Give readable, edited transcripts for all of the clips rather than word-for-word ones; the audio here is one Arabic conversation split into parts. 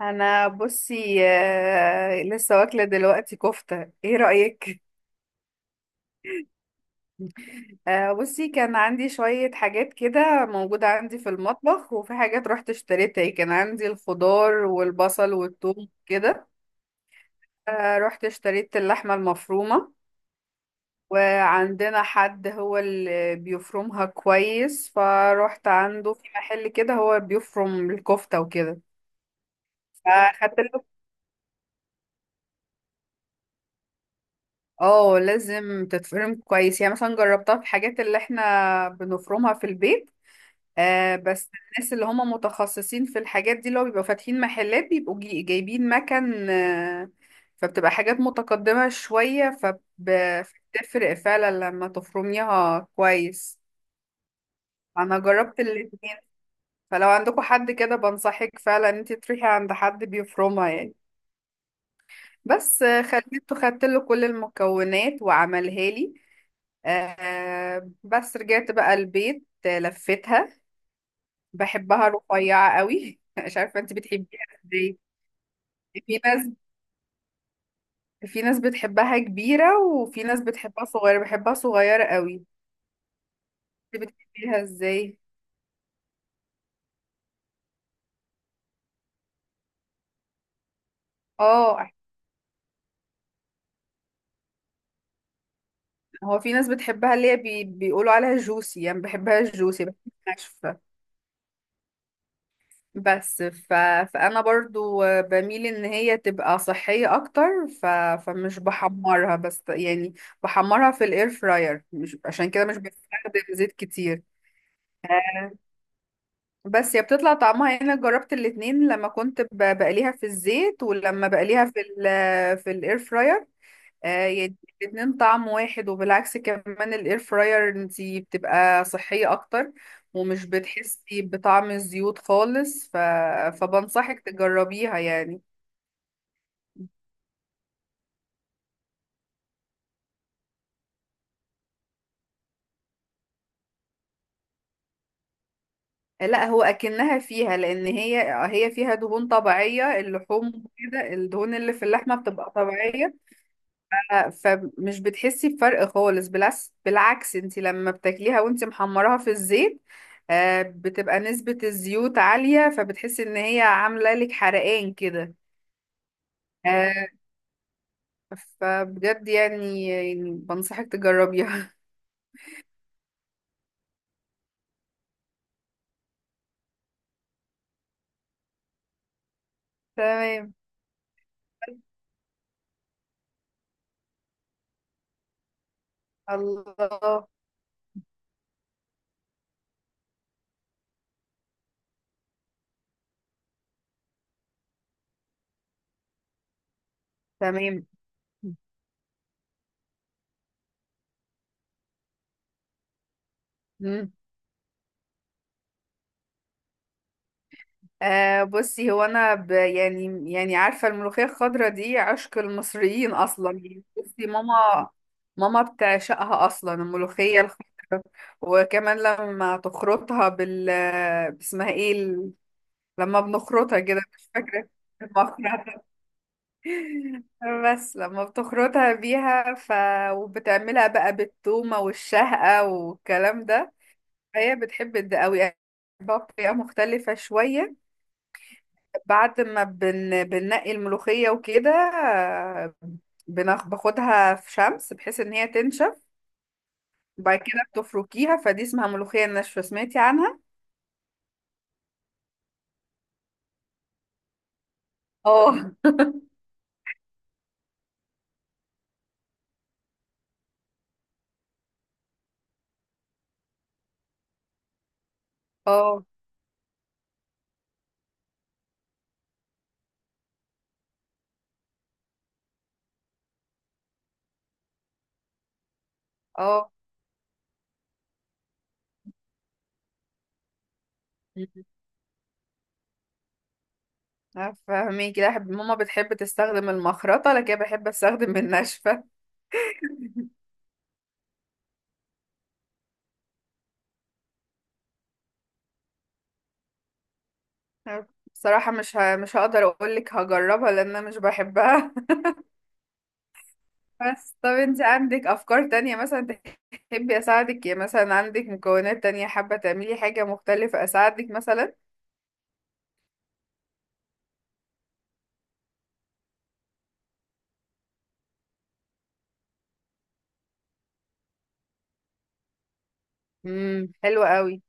انا بصي، لسه واكله دلوقتي كفته. ايه رايك؟ بصي كان عندي شويه حاجات كده موجوده عندي في المطبخ، وفي حاجات رحت اشتريتها، يعني كان عندي الخضار والبصل والثوم كده. رحت اشتريت اللحمه المفرومه. وعندنا حد هو اللي بيفرمها كويس، فروحت عنده في محل كده هو بيفرم الكفته وكده. فاخدت. اه، لازم تتفرم كويس، يعني مثلا جربتها في الحاجات اللي احنا بنفرمها في البيت. بس الناس اللي هم متخصصين في الحاجات دي، اللي هو بيبقوا فاتحين محلات، بيبقوا جايبين مكن. فبتبقى حاجات متقدمة شوية. فبتفرق فعلا لما تفرميها كويس. انا جربت الاتنين. فلو عندكم حد كده، بنصحك فعلا ان انت تروحي عند حد بيفرمها يعني. بس خليته خدت له كل المكونات وعملها لي. بس رجعت بقى البيت، لفيتها. بحبها رفيعة قوي. مش عارفة انت بتحبيها ازاي. في ناس في ناس بتحبها كبيرة، وفي ناس بتحبها صغيرة، بحبها صغيرة قوي. انت بتحبيها ازاي؟ اه، هو في ناس بتحبها اللي هي بيقولوا عليها جوسي، يعني بحبها جوسي، بحبها ناشفة. بس فانا برضو بميل ان هي تبقى صحية اكتر. فمش بحمرها بس يعني. بحمرها في الاير فراير، مش عشان كده مش بستخدم زيت كتير. بس هي بتطلع طعمها يعني، انا جربت الاتنين لما كنت بقليها في الزيت، ولما بقليها في في الاير فراير. يعني، الاتنين طعم واحد، وبالعكس كمان الاير فراير انتي بتبقى صحية اكتر، ومش بتحسي بطعم الزيوت خالص. فبنصحك تجربيها يعني. لا، هو اكنها فيها، لان هي فيها دهون طبيعية، اللحوم كده الدهون اللي في اللحمة بتبقى طبيعية. ف- فمش بتحسي بفرق خالص، بالعكس بالعكس، انت لما بتاكليها وانت محمراها في الزيت، بتبقى نسبة الزيوت عالية، فبتحسي ان هي عاملة لك حرقان كده. آه، فبجد يعني بنصحك تجربيها. تمام. الله. تمام. مم. بصي، هو انا يعني عارفه الملوخيه الخضراء دي عشق المصريين اصلا، يعني بصي، ماما بتعشقها اصلا الملوخيه الخضراء. وكمان لما تخرطها اسمها ايه؟ لما بنخرطها كده مش فاكره. المخرطة. بس لما بتخرطها بيها. وبتعملها بقى بالتومه والشهقه والكلام ده، هي بتحب ده قوي، بطريقه مختلفه شويه. بعد ما بننقي الملوخية وكده، باخدها في شمس بحيث ان هي تنشف، وبعد كده بتفركيها، فدي اسمها ملوخية ناشفة، سمعتي عنها؟ اه. اه. اه. فاهمين كده. ماما بتحب تستخدم المخرطة، لكن أنا بحب استخدم الناشفة. بصراحة مش هقدر اقولك هجربها لان انا مش بحبها. بس طب، انت عندك افكار تانية مثلا؟ تحبي اساعدك؟ يا مثلا عندك مكونات تانية حابة تعملي حاجة مختلفة، اساعدك مثلا؟ حلو قوي.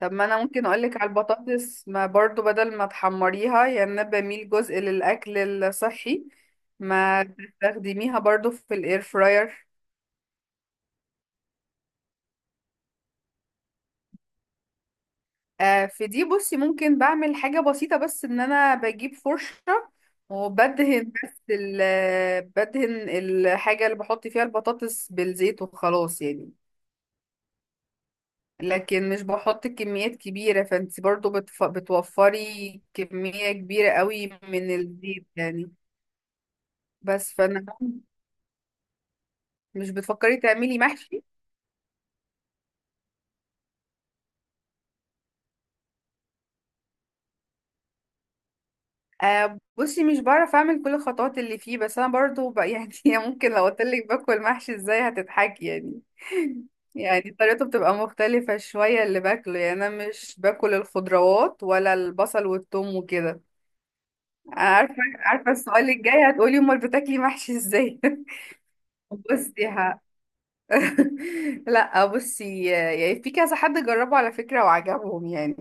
طب ما انا ممكن اقولك على البطاطس، ما برضو بدل ما تحمريها، يعني انا بميل جزء للاكل الصحي، ما تستخدميها برضو في الاير فراير. في دي بصي، ممكن بعمل حاجة بسيطة بس، ان انا بجيب فرشة وبدهن بس، بدهن الحاجة اللي بحط فيها البطاطس بالزيت، وخلاص يعني. لكن مش بحط كميات كبيرة، فانت برضو بتوفري كمية كبيرة قوي من الزيت يعني. بس فانا، مش بتفكري تعملي محشي؟ بصي مش بعرف اعمل كل الخطوات اللي فيه، بس انا برضو يعني، ممكن لو قلت لك باكل محشي ازاي هتضحكي يعني. يعني طريقته بتبقى مختلفة شوية اللي باكله، يعني انا مش باكل الخضروات ولا البصل والثوم وكده. عارفة، عارفة السؤال الجاي، هتقولي امال بتاكلي محشي ازاي. بصي ها. لا بصي، يعني في كذا حد جربه على فكرة وعجبهم يعني.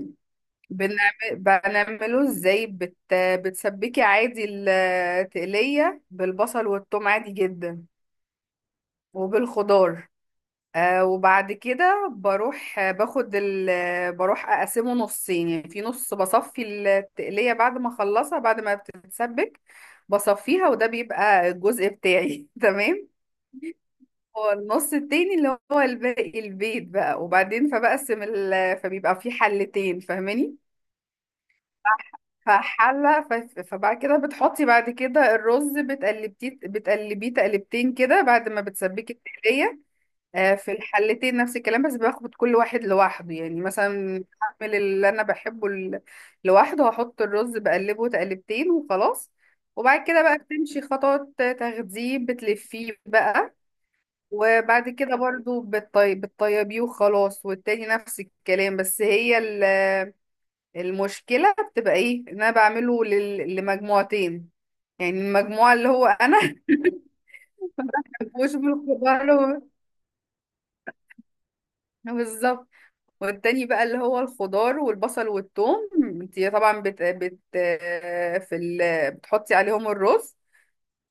بنعمله ازاي، بتسبكي عادي التقلية بالبصل والثوم عادي جدا، وبالخضار. وبعد كده بروح، بروح اقسمه نصين، يعني في نص بصفي التقلية بعد ما اخلصها بعد ما بتتسبك، بصفيها وده بيبقى الجزء بتاعي. تمام. هو النص التاني اللي هو الباقي البيت بقى، وبعدين فبيبقى في حلتين، فاهماني؟ فحلة، فبعد كده بتحطي بعد كده الرز، بتقلبيه تقلبتين كده بعد ما بتسبكي التقلية. في الحلتين نفس الكلام، بس باخد كل واحد لوحده، يعني مثلا هعمل اللي انا بحبه. لوحده هحط الرز بقلبه تقلبتين وخلاص، وبعد كده بقى بتمشي خطوات تغذيه، بتلفيه بقى. وبعد كده برضو بتطيبيه وخلاص، والتاني نفس الكلام، بس هي ال المشكلة بتبقى ايه؟ ان انا بعمله لمجموعتين، يعني المجموعة اللي هو انا. مش بالخضار. بالظبط. والتاني بقى اللي هو الخضار والبصل والثوم. انت طبعا بتحطي عليهم الرز،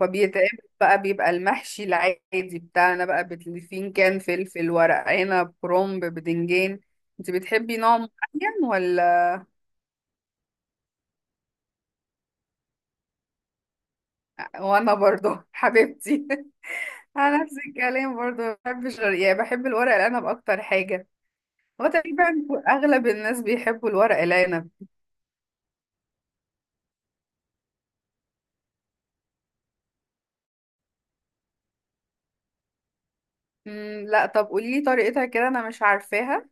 فبيتعمل بقى، بيبقى المحشي العادي بتاعنا، بقى بتلفين كان فلفل، ورق عنب، كرنب، بدنجان. انت بتحبي نوع معين ولا؟ وانا برضه حبيبتي. انا نفس الكلام برضو بحب يعني بحب الورق العنب اكتر حاجه. هو تقريبا اغلب الناس بيحبوا الورق العنب. لا طب، قولي لي طريقتها كده، انا مش عارفاها.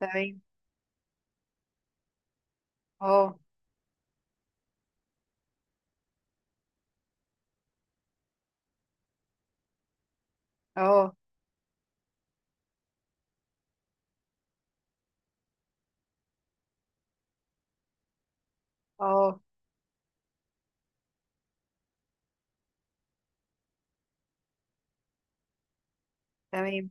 تمام. اه. اه. اه. تمام.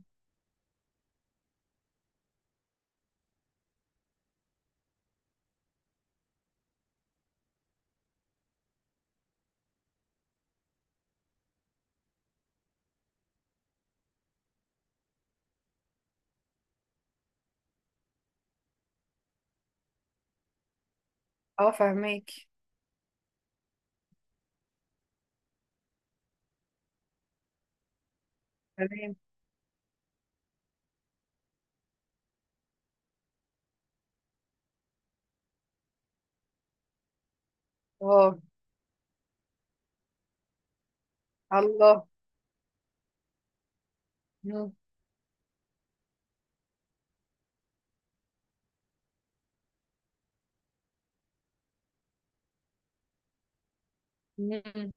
اه. فهماك تمام اه الله. مم. مم.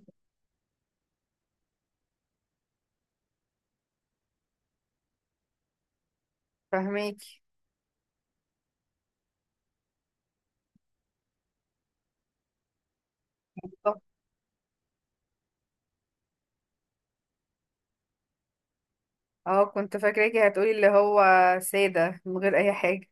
فهماك. بالظبط. اه، كنت فاكراكي هتقولي اللي هو ساده من غير اي حاجه.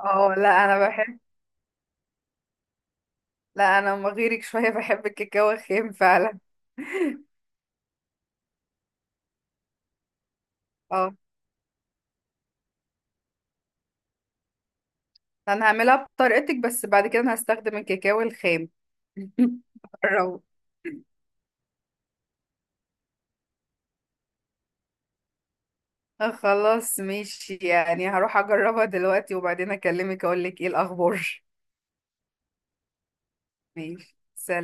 اه، لا انا بحب. لا انا ما غيرك شويه. بحب الكاكاو الخام فعلا. اه، انا هعملها بطريقتك، بس بعد كده انا هستخدم الكاكاو الخام. جربه. خلاص ماشي، يعني هروح اجربها دلوقتي، وبعدين اكلمك اقول لك ايه الاخبار. ماشي، سلام.